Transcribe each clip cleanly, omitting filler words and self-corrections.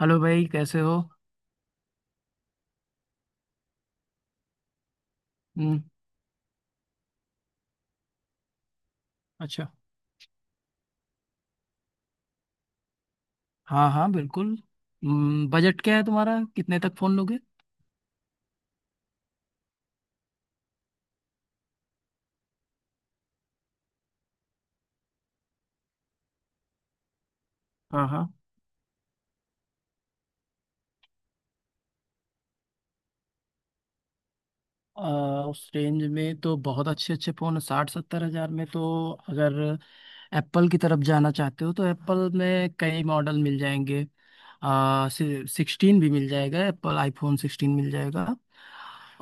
Hello भाई, कैसे हो? हम्म। अच्छा। हाँ हाँ, बिल्कुल। बजट क्या है तुम्हारा, कितने तक फोन लोगे? हाँ हाँ। उस रेंज में तो बहुत अच्छे अच्छे फोन 60-70 हजार में, तो अगर एप्पल की तरफ जाना चाहते हो तो एप्पल में कई मॉडल मिल जाएंगे। सिक्सटीन भी मिल जाएगा, एप्पल आईफोन सिक्सटीन मिल जाएगा।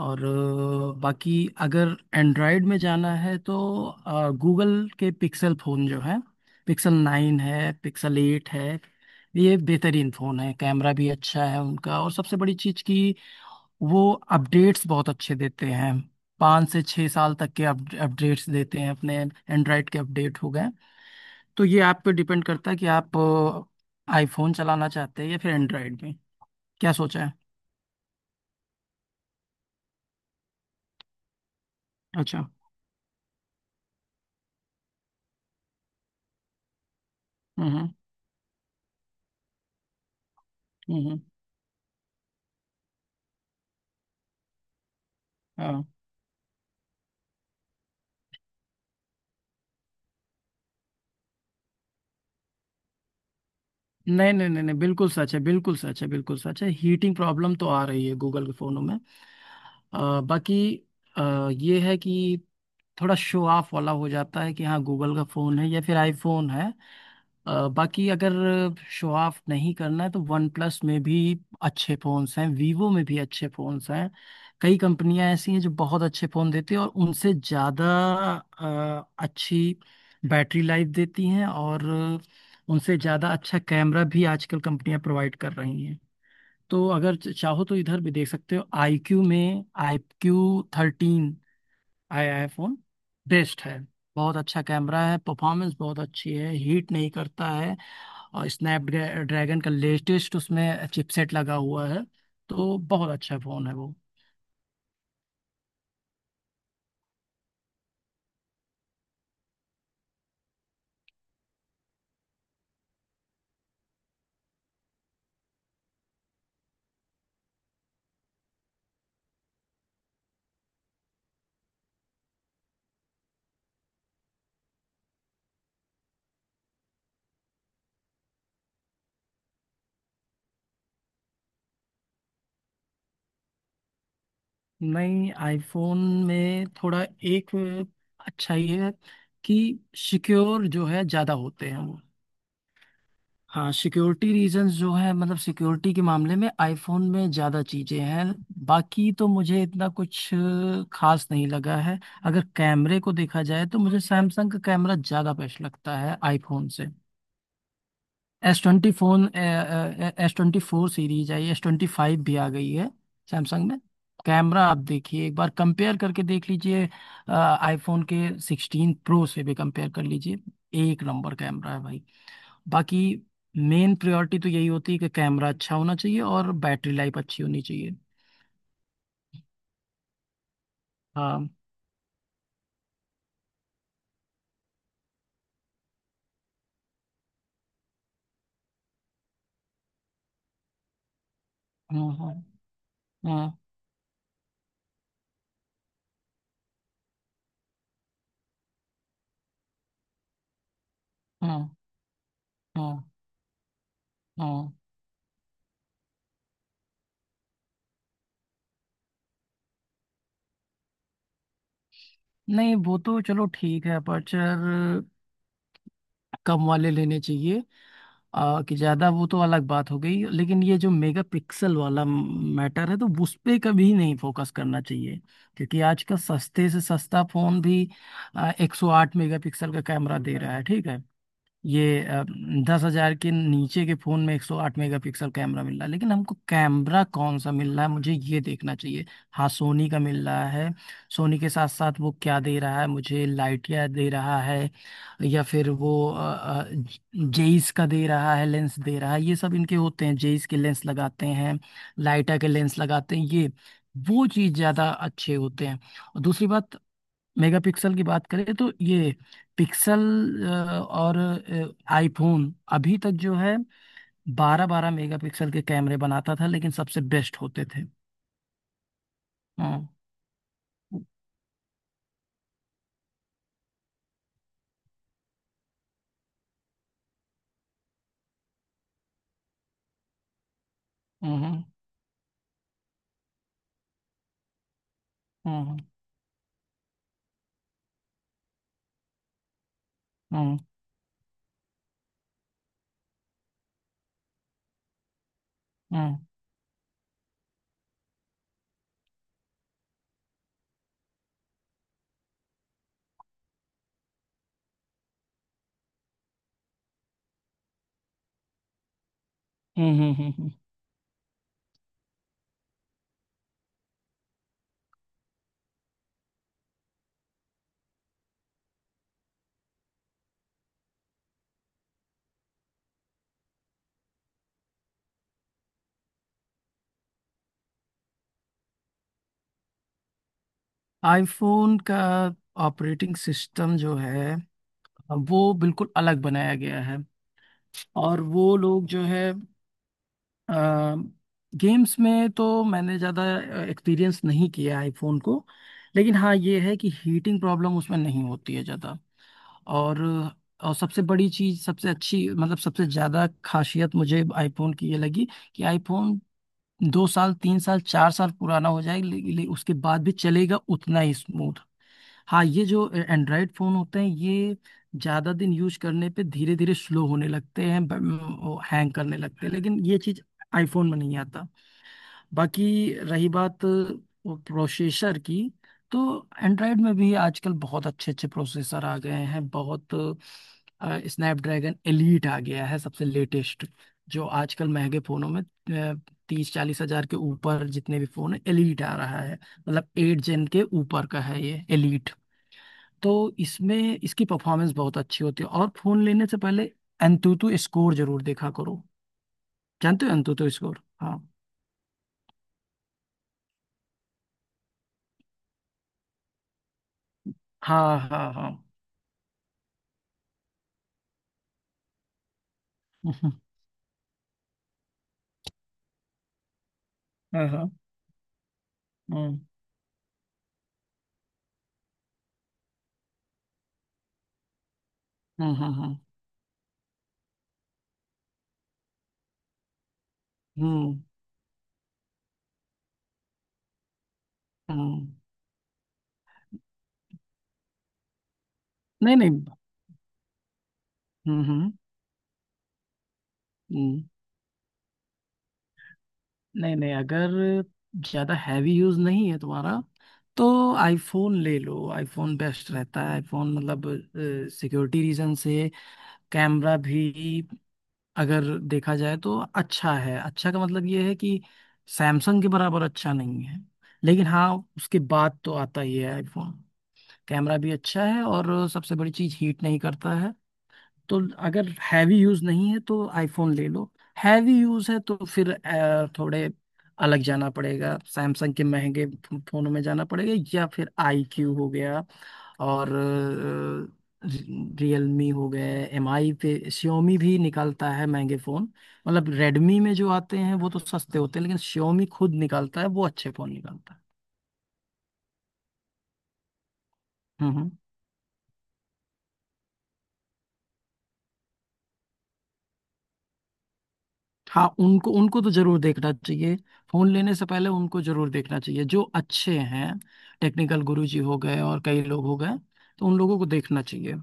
और बाकी अगर एंड्रॉयड में जाना है तो गूगल के पिक्सल फ़ोन जो है, पिक्सल नाइन है, पिक्सल एट है। ये बेहतरीन फ़ोन है, कैमरा भी अच्छा है उनका, और सबसे बड़ी चीज़ कि वो अपडेट्स बहुत अच्छे देते हैं। 5 से 6 साल तक के अपडेट्स देते हैं, अपने एंड्रॉयड के अपडेट हो गए। तो ये आप पे डिपेंड करता है कि आप आईफोन चलाना चाहते हैं या फिर एंड्रॉयड में। क्या सोचा है? अच्छा। हम्म। हम्म। हाँ। नहीं नहीं नहीं नहीं, बिल्कुल सच है, बिल्कुल सच है, बिल्कुल सच है। हीटिंग प्रॉब्लम तो आ रही है गूगल के फ़ोनों में। बाकी ये है कि थोड़ा शो ऑफ वाला हो जाता है, कि हाँ, गूगल का फ़ोन है या फिर आईफोन है। बाकी अगर शो ऑफ नहीं करना है तो वन प्लस में भी अच्छे फोन्स हैं, वीवो में भी अच्छे फोन्स हैं। कई कंपनियां ऐसी हैं जो बहुत अच्छे फोन देती हैं, और उनसे ज़्यादा अच्छी बैटरी लाइफ देती हैं, और उनसे ज़्यादा अच्छा कैमरा भी आजकल कंपनियां प्रोवाइड कर रही हैं। तो अगर चाहो तो इधर भी देख सकते हो, आई क्यू में। आई क्यू थर्टीन आया है फोन। बेस्ट है, बहुत अच्छा कैमरा है, परफॉर्मेंस बहुत अच्छी है, हीट नहीं करता है। और स्नैपड्रैगन का लेटेस्ट उसमें चिपसेट लगा हुआ है, तो बहुत अच्छा फ़ोन है वो। नहीं, आईफोन में थोड़ा एक अच्छा ये है कि सिक्योर जो है ज़्यादा होते हैं वो। हाँ, सिक्योरिटी रीजंस जो है, मतलब सिक्योरिटी के मामले में आईफोन में ज़्यादा चीज़ें हैं। बाकी तो मुझे इतना कुछ खास नहीं लगा है। अगर कैमरे को देखा जाए तो मुझे सैमसंग का कैमरा ज़्यादा बेस्ट लगता है आईफोन से। S twenty phone, S twenty four series आई, एस ट्वेंटी फाइव भी आ गई है सैमसंग में। कैमरा आप देखिए, एक बार कंपेयर करके देख लीजिए। आईफोन के सिक्सटीन प्रो से भी कंपेयर कर लीजिए। एक नंबर कैमरा है भाई। बाकी मेन प्रायोरिटी तो यही होती है कि कैमरा अच्छा होना चाहिए और बैटरी लाइफ अच्छी होनी चाहिए। हाँ, हाँ, हाँ, हाँ, हाँ, हाँ, हाँ। नहीं, वो तो चलो ठीक है, अपर्चर कम वाले लेने चाहिए। कि ज्यादा, वो तो अलग बात हो गई, लेकिन ये जो मेगा पिक्सल वाला मैटर है तो उस पे कभी नहीं फोकस करना चाहिए। क्योंकि आज का सस्ते से सस्ता फोन भी 108 मेगा पिक्सल का कैमरा दे रहा है, ठीक है। ये 10 हजार के नीचे के फोन में 108 मेगापिक्सल कैमरा मिल रहा है, लेकिन हमको कैमरा कौन सा मिल रहा है, मुझे ये देखना चाहिए। हाँ, सोनी का मिल रहा है। सोनी के साथ साथ वो क्या दे रहा है, मुझे लाइटिया दे रहा है। या फिर वो जेईस का दे रहा है, लेंस दे रहा है। ये सब इनके होते हैं, जेईस के लेंस लगाते हैं, लाइटा के लेंस लगाते हैं ये। वो चीज ज्यादा अच्छे होते हैं। और दूसरी बात, मेगापिक्सल की बात करें तो ये पिक्सल और आईफोन अभी तक जो है बारह बारह मेगापिक्सल के कैमरे बनाता था, लेकिन सबसे बेस्ट होते थे। हाँ। हम्म। हम्म। हम्म। हम्म। हम्म। हम्म। हम्म। हम्म। हम्म। आईफोन का ऑपरेटिंग सिस्टम जो है वो बिल्कुल अलग बनाया गया है। और वो लोग जो है, गेम्स में तो मैंने ज़्यादा एक्सपीरियंस नहीं किया है आईफोन को। लेकिन हाँ, ये है कि हीटिंग प्रॉब्लम उसमें नहीं होती है ज़्यादा। और और सबसे बड़ी चीज़, सबसे अच्छी, मतलब सबसे ज़्यादा खासियत मुझे आईफोन की ये लगी कि आईफोन 2 साल 3 साल 4 साल पुराना हो जाएगा ले, ले, उसके बाद भी चलेगा उतना ही स्मूथ। हाँ, ये जो एंड्रॉयड फ़ोन होते हैं ये ज़्यादा दिन यूज करने पे धीरे धीरे स्लो होने लगते हैं। हैंग करने लगते हैं, लेकिन ये चीज़ आईफोन में नहीं आता। बाकी रही बात प्रोसेसर की, तो एंड्रॉयड में भी आजकल बहुत अच्छे अच्छे प्रोसेसर आ गए हैं बहुत। स्नैपड्रैगन एलीट आ गया है सबसे लेटेस्ट। जो आजकल महंगे फोनों में 30-40 हजार के ऊपर जितने भी फोन है, एलीट आ रहा है। मतलब एट जेन के ऊपर का है ये एलीट। तो इसमें इसकी परफॉर्मेंस बहुत अच्छी होती है, और फोन लेने से पहले एंतुतु स्कोर जरूर देखा करो। जानते हो एंतुतु स्कोर? हाँ। हाँ, हाँ, हाँ। हाँ, हाँ, हाँ, हाँ, हाँ, हाँ। हम्म। हम्म। नहीं नहीं। हम्म। हम्म। हम्म। नहीं नहीं, अगर ज्यादा हैवी यूज नहीं है तुम्हारा तो आईफोन ले लो। आईफोन बेस्ट रहता है आईफोन, मतलब सिक्योरिटी रीजन से। कैमरा भी, अगर देखा जाए तो अच्छा है। अच्छा का मतलब ये है कि सैमसंग के बराबर अच्छा नहीं है। लेकिन हाँ, उसके बाद तो आता ही है आईफोन। कैमरा भी अच्छा है और सबसे बड़ी चीज, हीट नहीं करता है। तो अगर हैवी यूज नहीं है तो आईफोन ले लो। हैवी यूज है तो फिर थोड़े अलग जाना पड़ेगा, सैमसंग के महंगे फोनों में जाना पड़ेगा, या फिर आई क्यू हो गया। और रियलमी हो गए, एम आई पे। Xiaomi भी निकालता है महंगे फोन। मतलब रेडमी में जो आते हैं वो तो सस्ते होते हैं, लेकिन Xiaomi खुद निकालता है, वो अच्छे फोन निकालता है। हम्म। हम्म। हाँ, उनको उनको तो जरूर देखना चाहिए। फोन लेने से पहले उनको जरूर देखना चाहिए, जो अच्छे हैं। टेक्निकल गुरुजी हो गए और कई लोग हो गए, तो उन लोगों को देखना चाहिए।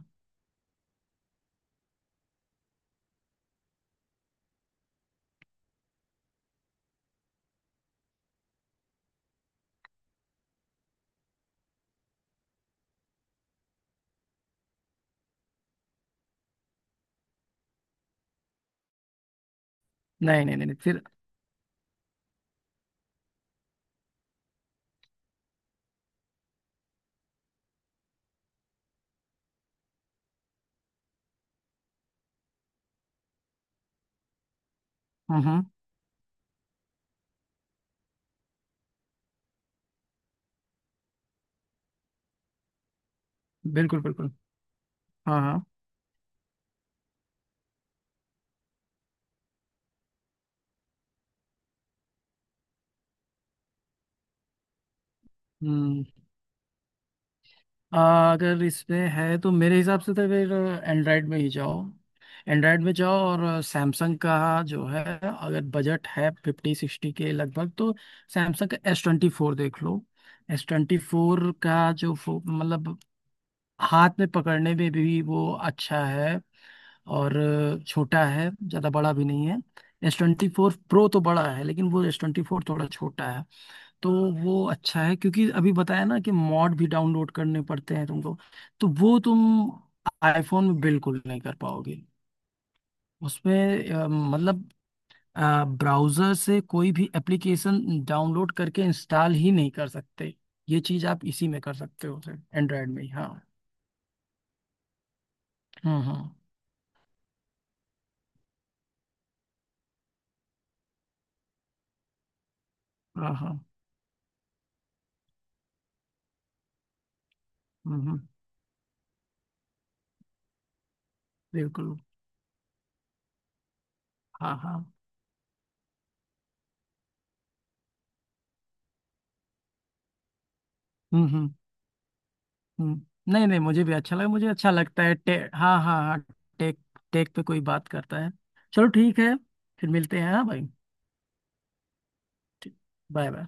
नहीं नहीं नहीं नहीं, फिर। हम्म। हम्म। बिल्कुल बिल्कुल। हाँ हाँ। हम्म। अगर इसमें है तो मेरे हिसाब से तो फिर एंड्रॉयड में ही जाओ। एंड्रॉयड में जाओ और सैमसंग का जो है, अगर बजट है फिफ्टी सिक्सटी के लगभग, तो सैमसंग का एस ट्वेंटी फोर देख लो। एस ट्वेंटी फोर का जो मतलब हाथ में पकड़ने में भी वो अच्छा है। और छोटा है, ज़्यादा बड़ा भी नहीं है। एस ट्वेंटी फोर प्रो तो बड़ा है, लेकिन वो एस ट्वेंटी फोर थोड़ा छोटा है। तो वो अच्छा है, क्योंकि अभी बताया ना कि मॉड भी डाउनलोड करने पड़ते हैं तुमको। तो वो तुम आईफोन में बिल्कुल नहीं कर पाओगे। उसमें मतलब ब्राउज़र से कोई भी एप्लीकेशन डाउनलोड करके इंस्टॉल ही नहीं कर सकते। ये चीज़ आप इसी में कर सकते हो, एंड्रॉयड में ही। हाँ। हम्म। हम्म। हाँ हाँ। हम्म। हम्म। बिल्कुल। हाँ हाँ। हम्म। हम्म। हम्म। नहीं नहीं, मुझे भी अच्छा लगा। मुझे अच्छा लगता है हाँ हाँ हाँ। टेक, टेक पे कोई बात करता है। चलो ठीक है, फिर मिलते हैं, हाँ भाई। Bye bye.